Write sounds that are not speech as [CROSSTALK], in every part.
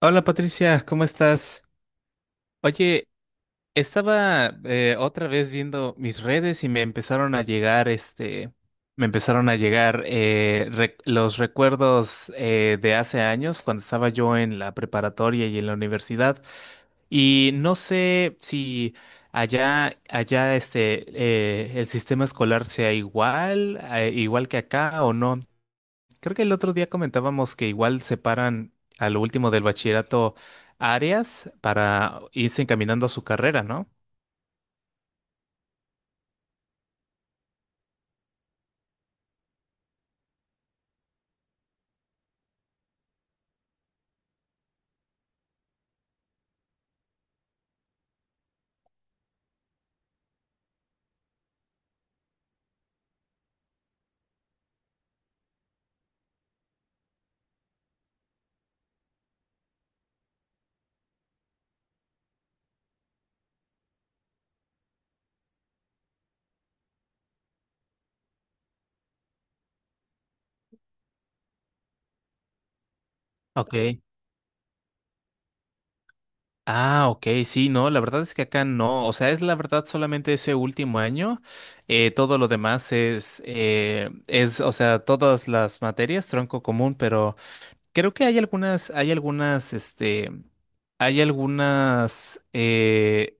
Hola Patricia, ¿cómo estás? Oye, estaba otra vez viendo mis redes y me empezaron a llegar los recuerdos de hace años cuando estaba yo en la preparatoria y en la universidad. Y no sé si allá el sistema escolar sea igual, igual que acá o no. Creo que el otro día comentábamos que igual separan a lo último del bachillerato áreas para irse encaminando a su carrera, ¿no? Ok. Ah, ok, sí, no, la verdad es que acá no, o sea, es la verdad solamente ese último año, todo lo demás es, o sea, todas las materias, tronco común, pero creo que hay algunas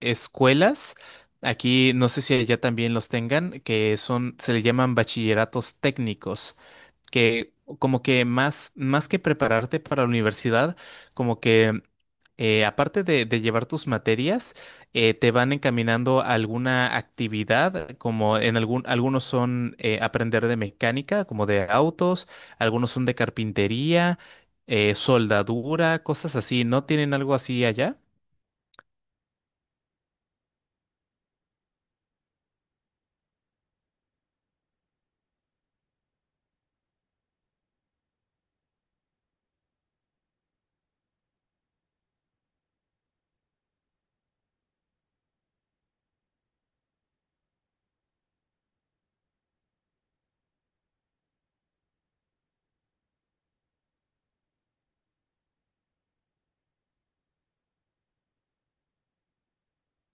escuelas, aquí no sé si allá también los tengan, que son, se le llaman bachilleratos técnicos que como que más que prepararte para la universidad, como que aparte de llevar tus materias, te van encaminando a alguna actividad, como en algún, algunos son aprender de mecánica, como de autos, algunos son de carpintería, soldadura, cosas así. ¿No tienen algo así allá?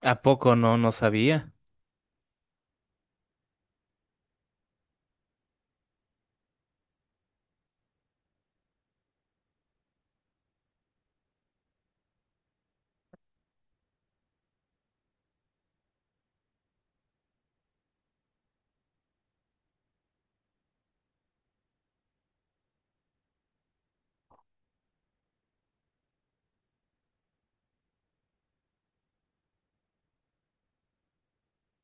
¿A poco no? No sabía.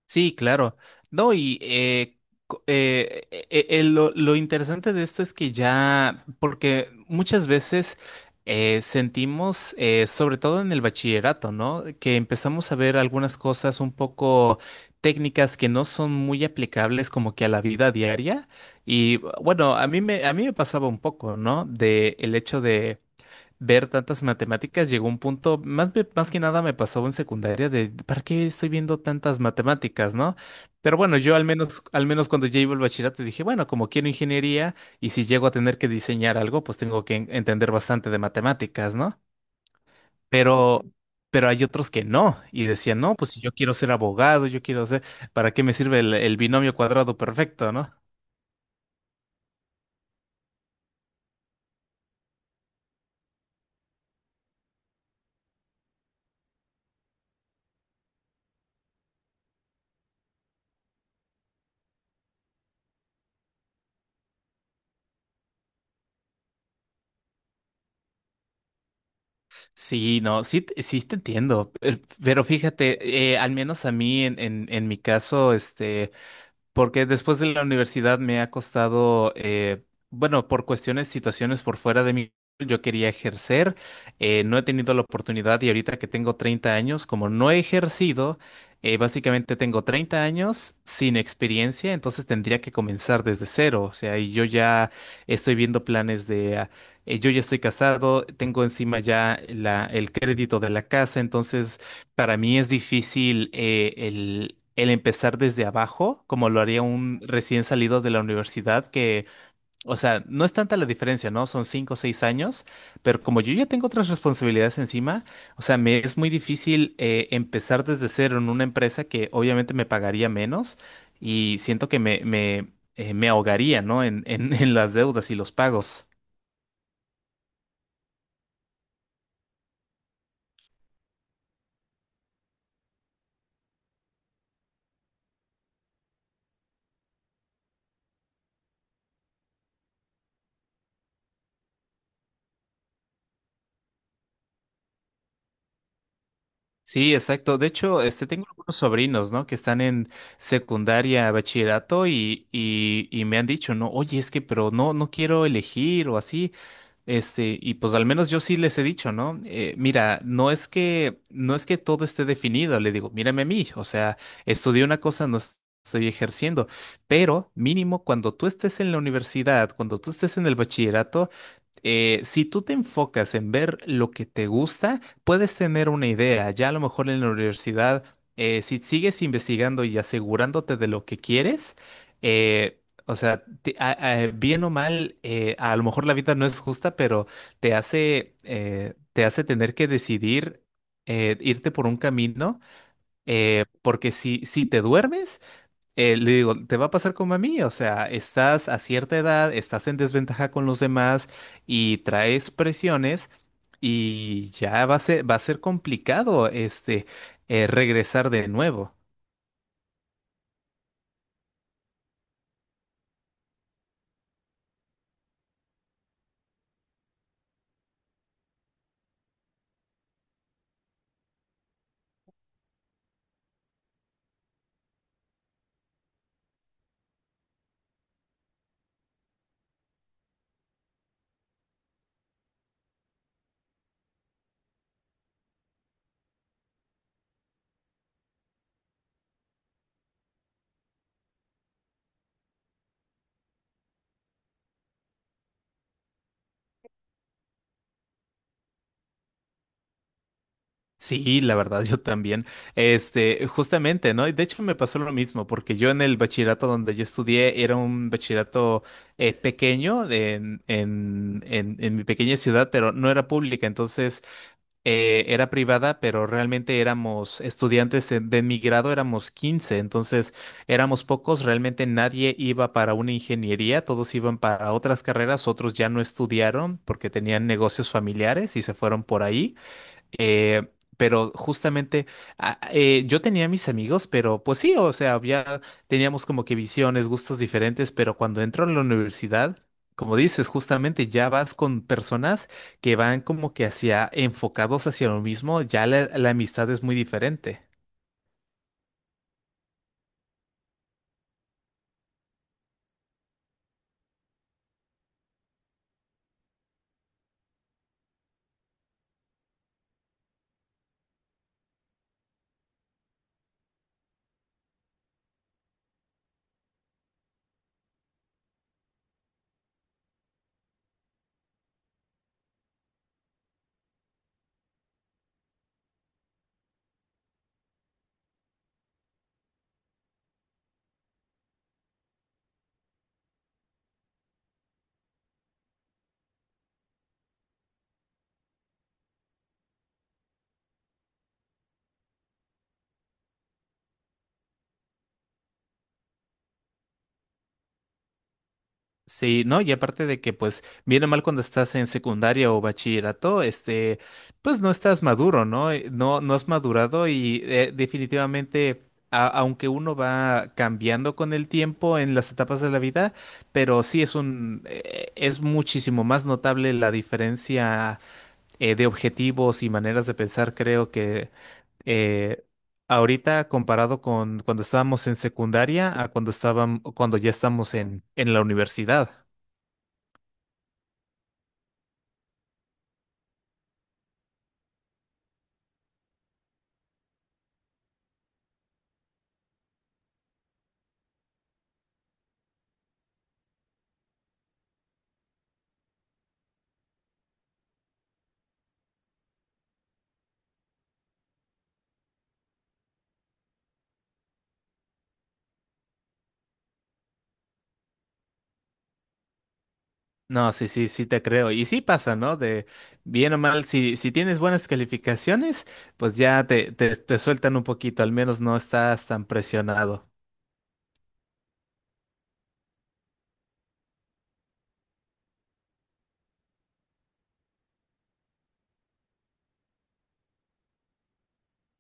Sí, claro. No, y lo interesante de esto es que ya, porque muchas veces sentimos, sobre todo en el bachillerato, ¿no? Que empezamos a ver algunas cosas un poco técnicas que no son muy aplicables como que a la vida diaria. Y bueno, a mí me pasaba un poco, ¿no? De el hecho ver tantas matemáticas, llegó un punto, más que nada me pasó en secundaria de, ¿para qué estoy viendo tantas matemáticas, no? Pero bueno, al menos cuando ya iba al bachillerato dije, bueno, como quiero ingeniería y si llego a tener que diseñar algo, pues tengo que entender bastante de matemáticas, ¿no? Pero, pero hay otros que no y decían, no, pues si yo quiero ser abogado, yo quiero ser, ¿para qué me sirve el binomio cuadrado perfecto, no? Sí, no, sí, sí te entiendo, pero fíjate, al menos a mí en mi caso, este, porque después de la universidad me ha costado, bueno, por situaciones por fuera de mí, yo quería ejercer, no he tenido la oportunidad y ahorita que tengo 30 años, como no he ejercido, básicamente tengo 30 años sin experiencia, entonces tendría que comenzar desde cero, o sea, y yo ya estoy viendo planes de, yo ya estoy casado, tengo encima el crédito de la casa, entonces... Para mí es difícil el empezar desde abajo, como lo haría un recién salido de la universidad, que, o sea, no es tanta la diferencia, ¿no? Son cinco o seis años, pero como yo ya tengo otras responsabilidades encima, o sea, me es muy difícil empezar desde cero en una empresa que obviamente me pagaría menos y siento que me ahogaría, ¿no? [LAUGHS] En las deudas y los pagos. Sí, exacto. De hecho, este, tengo algunos sobrinos, ¿no? Que están en secundaria, bachillerato y me han dicho, no, oye, es que, pero no quiero elegir o así. Este, y pues al menos yo sí les he dicho, ¿no? Mira, no es que todo esté definido. Le digo, mírame a mí. O sea, estudié una cosa, no es- estoy ejerciendo, pero mínimo cuando tú estés en la universidad, cuando tú estés en el bachillerato, si tú te enfocas en ver lo que te gusta, puedes tener una idea. Ya a lo mejor en la universidad, si sigues investigando y asegurándote de lo que quieres, eh, o sea, bien o mal, a lo mejor la vida no es justa, pero te te hace tener que decidir irte por un camino, porque si te duermes, le digo, te va a pasar como a mí, o sea, estás a cierta edad, estás en desventaja con los demás y traes presiones y ya va a va a ser complicado este regresar de nuevo. Sí, la verdad, yo también. Este, justamente, ¿no? Y de hecho, me pasó lo mismo, porque yo en el bachillerato donde yo estudié era un bachillerato pequeño en mi pequeña ciudad, pero no era pública, entonces era privada, pero realmente éramos estudiantes de mi grado, éramos 15, entonces éramos pocos, realmente nadie iba para una ingeniería, todos iban para otras carreras, otros ya no estudiaron porque tenían negocios familiares y se fueron por ahí. Eh, pero justamente yo tenía mis amigos, pero pues sí, o sea, había, teníamos como que visiones, gustos diferentes, pero cuando entro a la universidad, como dices, justamente ya vas con personas que van como que hacia enfocados hacia lo mismo, ya la amistad es muy diferente. Sí, ¿no? Y aparte de que, pues, viene mal cuando estás en secundaria o bachillerato, este, pues no estás maduro, ¿no? No has madurado y definitivamente, aunque uno va cambiando con el tiempo en las etapas de la vida, pero sí es es muchísimo más notable la diferencia de objetivos y maneras de pensar, creo que eh, ahorita comparado con cuando estábamos en secundaria a cuando cuando ya estamos en la universidad. No, sí te creo. Y sí pasa, ¿no? De bien o mal, si tienes buenas calificaciones, pues ya te sueltan un poquito, al menos no estás tan presionado.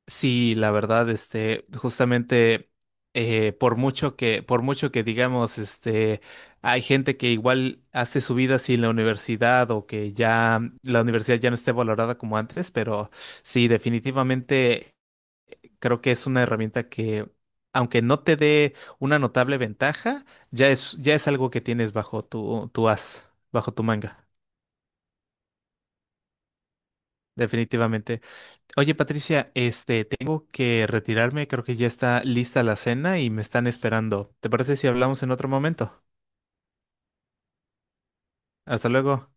Sí, la verdad, este, justamente por por mucho que digamos, este, hay gente que igual hace su vida sin la universidad o que ya la universidad ya no esté valorada como antes, pero sí, definitivamente. Creo que es una herramienta que, aunque no te dé una notable ventaja, ya es algo que tienes bajo tu as, bajo tu manga, definitivamente. Oye, Patricia, este, tengo que retirarme, creo que ya está lista la cena y me están esperando. ¿Te parece si hablamos en otro momento? Hasta luego.